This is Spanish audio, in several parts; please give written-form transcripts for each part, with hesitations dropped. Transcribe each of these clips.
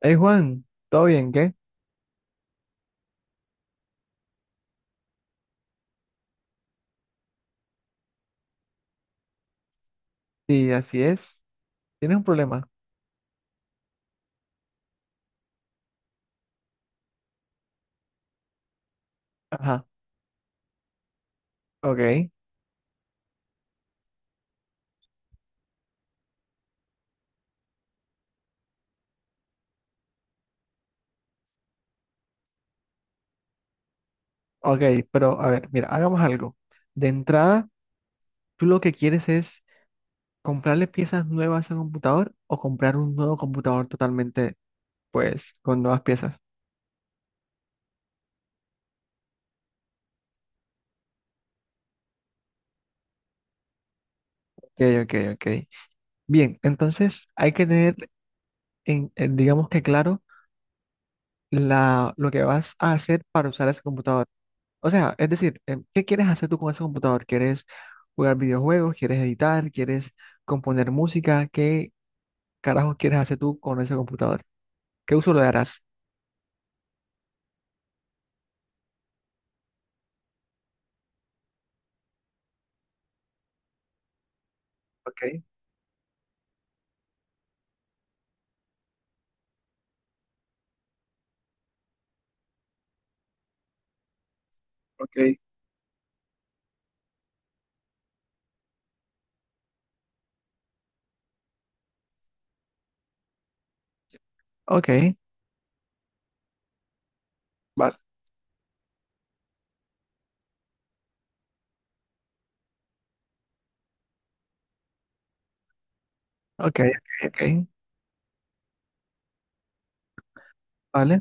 Hey Juan, ¿todo bien? ¿Qué? Sí, así es. ¿Tienes un problema? Ajá, ok, ok, pero a ver, mira, hagamos algo. De entrada, tú lo que quieres es comprarle piezas nuevas a un computador o comprar un nuevo computador totalmente, pues, con nuevas piezas. Ok, ok, ok. Bien, entonces hay que tener, digamos que claro, lo que vas a hacer para usar ese computador. O sea, es decir, ¿qué quieres hacer tú con ese computador? ¿Quieres jugar videojuegos, quieres editar, quieres componer música, qué carajo quieres hacer tú con ese computador? ¿Qué uso le darás? Ok, ok, ok, vale. Ok, ok, ok, vale,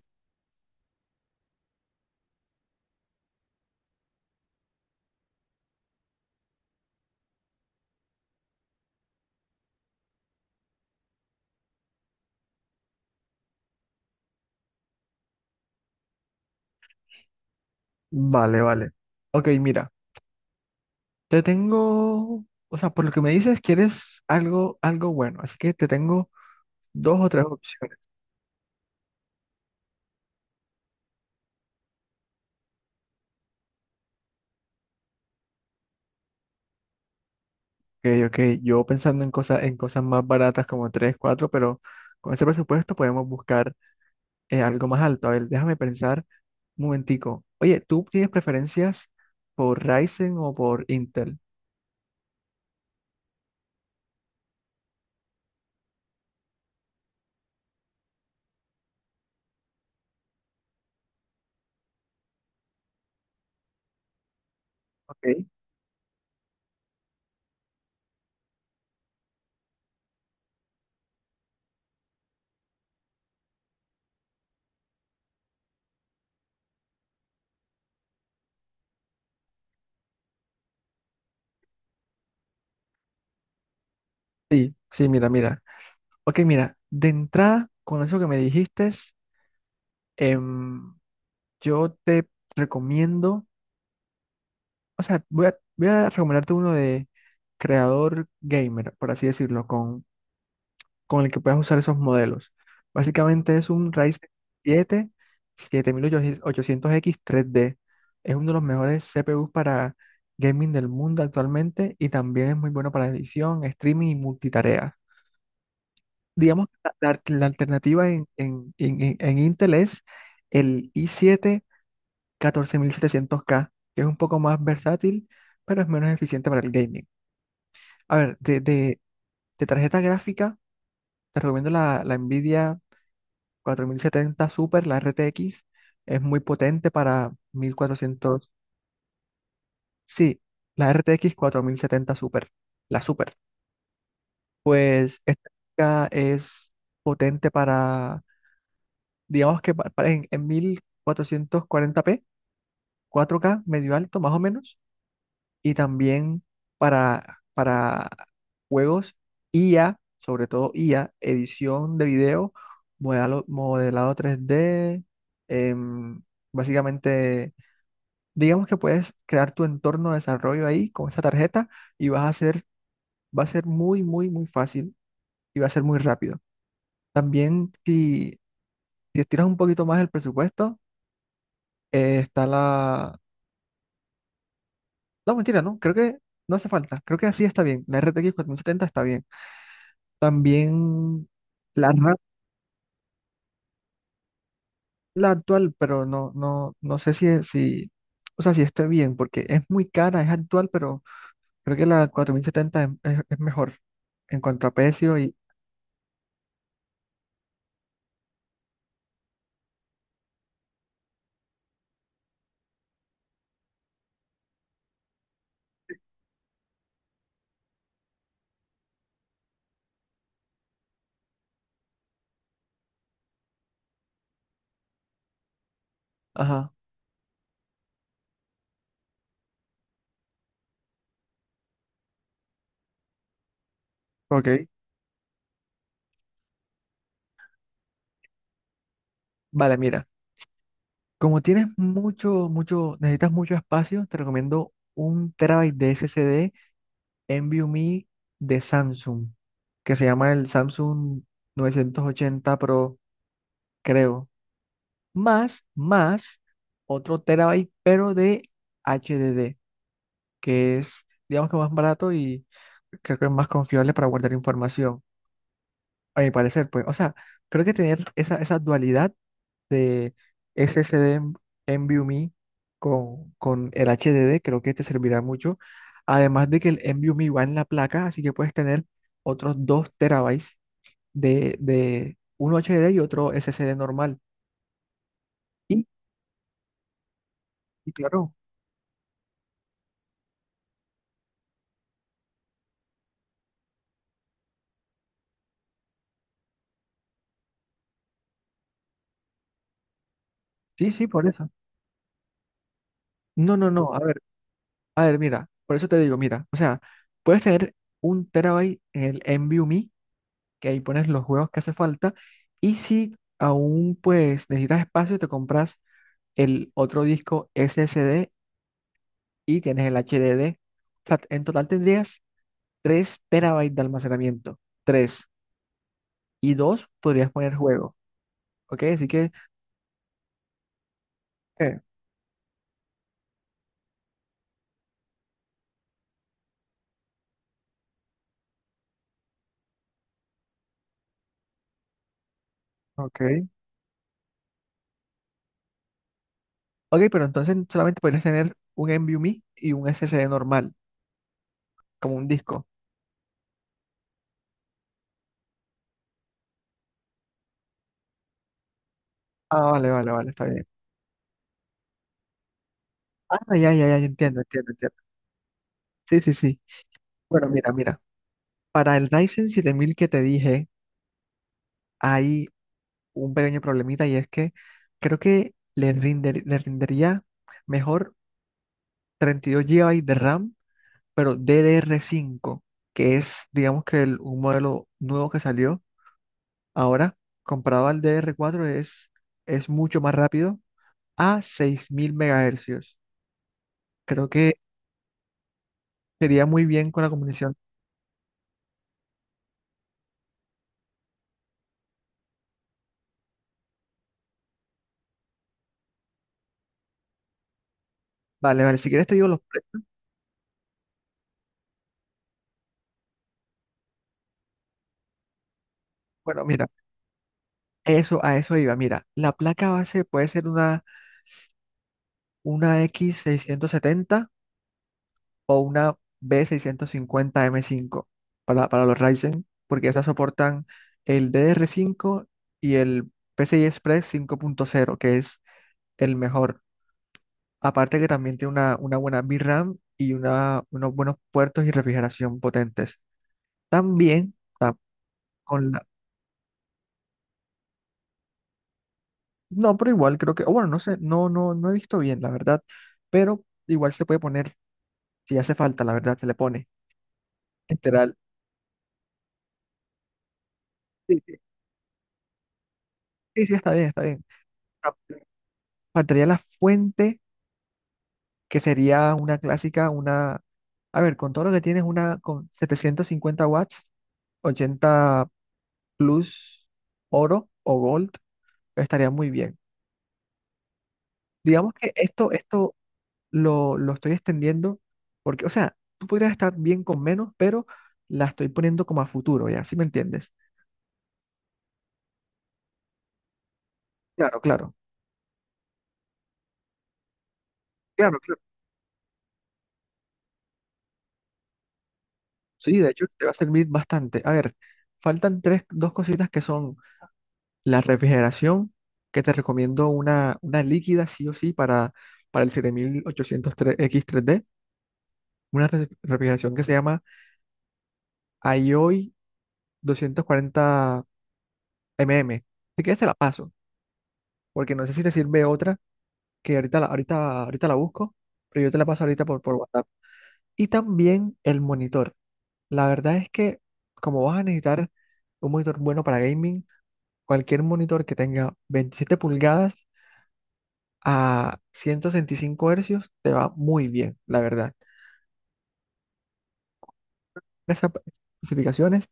vale, vale. Ok, mira, te tengo, o sea, por lo que me dices, quieres algo, algo bueno, así que te tengo dos o tres opciones. Ok, ok, yo pensando en cosas, más baratas como tres, cuatro, pero con ese presupuesto podemos buscar algo más alto. A ver, déjame pensar. Un momentico. Oye, ¿tú tienes preferencias por Ryzen o por Intel? Ok. Sí, sí, mira, mira. Ok, mira, de entrada, con eso que me dijiste, em, yo te recomiendo, o sea, voy a recomendarte uno de creador gamer, por así decirlo, con el que puedas usar esos modelos. Básicamente es un Ryzen 7 7800X3D. Es uno de los mejores CPUs para gaming del mundo actualmente, y también es muy bueno para edición, streaming y multitarea. Digamos, la alternativa en Intel es el i siete 14700K, que es un poco más versátil, pero es menos eficiente para el gaming. A ver, de tarjeta gráfica, te recomiendo la NVIDIA 4070 Super, la RTX, es muy potente para 1400. Sí, la RTX 70 Super, la Super. Pues esta gráfica es potente para, digamos que para en 1440p, 4K medio alto más o menos, y también para juegos IA, sobre todo IA, edición de video, modelado 3D, em, básicamente. Digamos que puedes crear tu entorno de desarrollo ahí con esta tarjeta y va a ser muy, muy, muy fácil y va a ser muy rápido. También si estiras un poquito más el presupuesto, está la. No, mentira, no, creo que no hace falta. Creo que así está bien. La RTX setenta está bien. También la RAM, la actual, pero no, no, no sé o sea, si esté bien, porque es muy cara, es actual, pero creo que la 4070 es mejor en cuanto a precio y... Ajá, ok. Vale, mira, como tienes mucho, mucho, necesitas mucho espacio, te recomiendo un terabyte de SSD NVMe de Samsung, que se llama el Samsung 980 Pro, creo. Más, más, otro terabyte, pero de HDD, que es, digamos que más barato, y creo que es más confiable para guardar información, a mi parecer, pues. O sea, creo que tener esa dualidad de SSD NVMe con el HDD, creo que te servirá mucho. Además de que el NVMe va en la placa, así que puedes tener otros 2 terabytes de uno HDD y otro SSD normal. Y, y claro, sí, sí, por eso. No, no, no, a ver, mira, por eso te digo, mira, o sea, puedes tener un terabyte en el NVMe, que ahí pones los juegos que hace falta, y si aún pues necesitas espacio, te compras el otro disco SSD y tienes el HDD. O sea, en total tendrías 3 terabytes de almacenamiento. Tres Y 2 podrías poner juego. ¿Ok? Así que eh, ok. Ok, pero entonces solamente podrías tener un NVMe y un SSD normal, como un disco. Ah, vale, vale, vale, está bien. Ah, ya, ya, ya, ya, entiendo, entiendo, entiendo. Sí, sí, sí. Bueno, mira, mira. Para el Ryzen 7000 que te dije, hay un pequeño problemita, y es que creo que le rendería mejor 32 GB de RAM, pero DDR5, que es, digamos que un modelo nuevo que salió ahora. Comparado al DDR4 es mucho más rápido, a 6000 MHz. Creo que sería muy bien con la combinación. Vale, vale, si quieres te digo los precios. Bueno, mira, eso, a eso iba. Mira, la placa base puede ser una X670, o una B650M5 para, los Ryzen, porque esas soportan el DDR5 y el PCI Express 5.0, que es el mejor. Aparte que también tiene una buena VRAM y unos buenos puertos y refrigeración potentes. También. con la... No, pero igual creo que... o bueno, no sé, no, no, no he visto bien, la verdad. Pero igual se puede poner, si hace falta, la verdad, se le pone. Literal. Sí, sí, sí, sí, está bien, está bien. Ah, faltaría la fuente que sería una clásica, a ver, con todo lo que tienes, una con 750 W, 80 Plus oro o gold, estaría muy bien. Digamos que esto lo estoy extendiendo porque, o sea, tú podrías estar bien con menos, pero la estoy poniendo como a futuro, ¿ya? ¿Sí me entiendes? Claro, claro, claro, claro. Sí, de hecho, te va a servir bastante. A ver, faltan tres, dos cositas que son: la refrigeración, que te recomiendo una líquida sí o sí para, el 7800 x 3D, una refrigeración que se llama IOI 240 mm. Si quieres te la paso, porque no sé si te sirve otra, que ahorita la busco, pero yo te la paso ahorita por WhatsApp. Y también el monitor. La verdad es que como vas a necesitar un monitor bueno para gaming, cualquier monitor que tenga 27 pulgadas a 165 Hz te va muy bien, la verdad. Las especificaciones,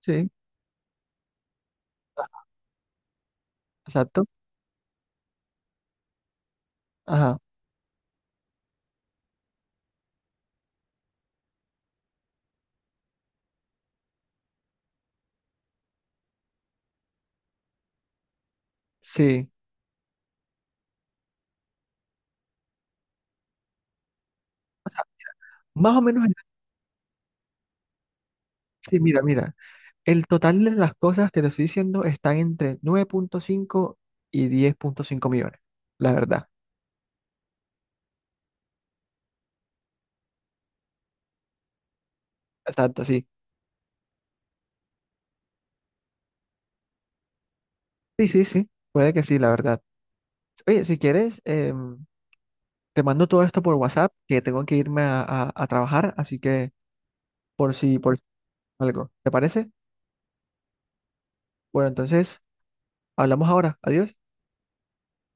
sí, exacto. Ajá, sí. O sea, más o menos, sí, mira, mira. El total de las cosas que te estoy diciendo están entre 9,5 y 10,5 millones, la verdad. Exacto, sí. Sí, sí, sí. Puede que sí, la verdad. Oye, si quieres, te mando todo esto por WhatsApp, que tengo que irme a trabajar, así que por si algo. ¿Te parece? Bueno, entonces, hablamos ahora. Adiós.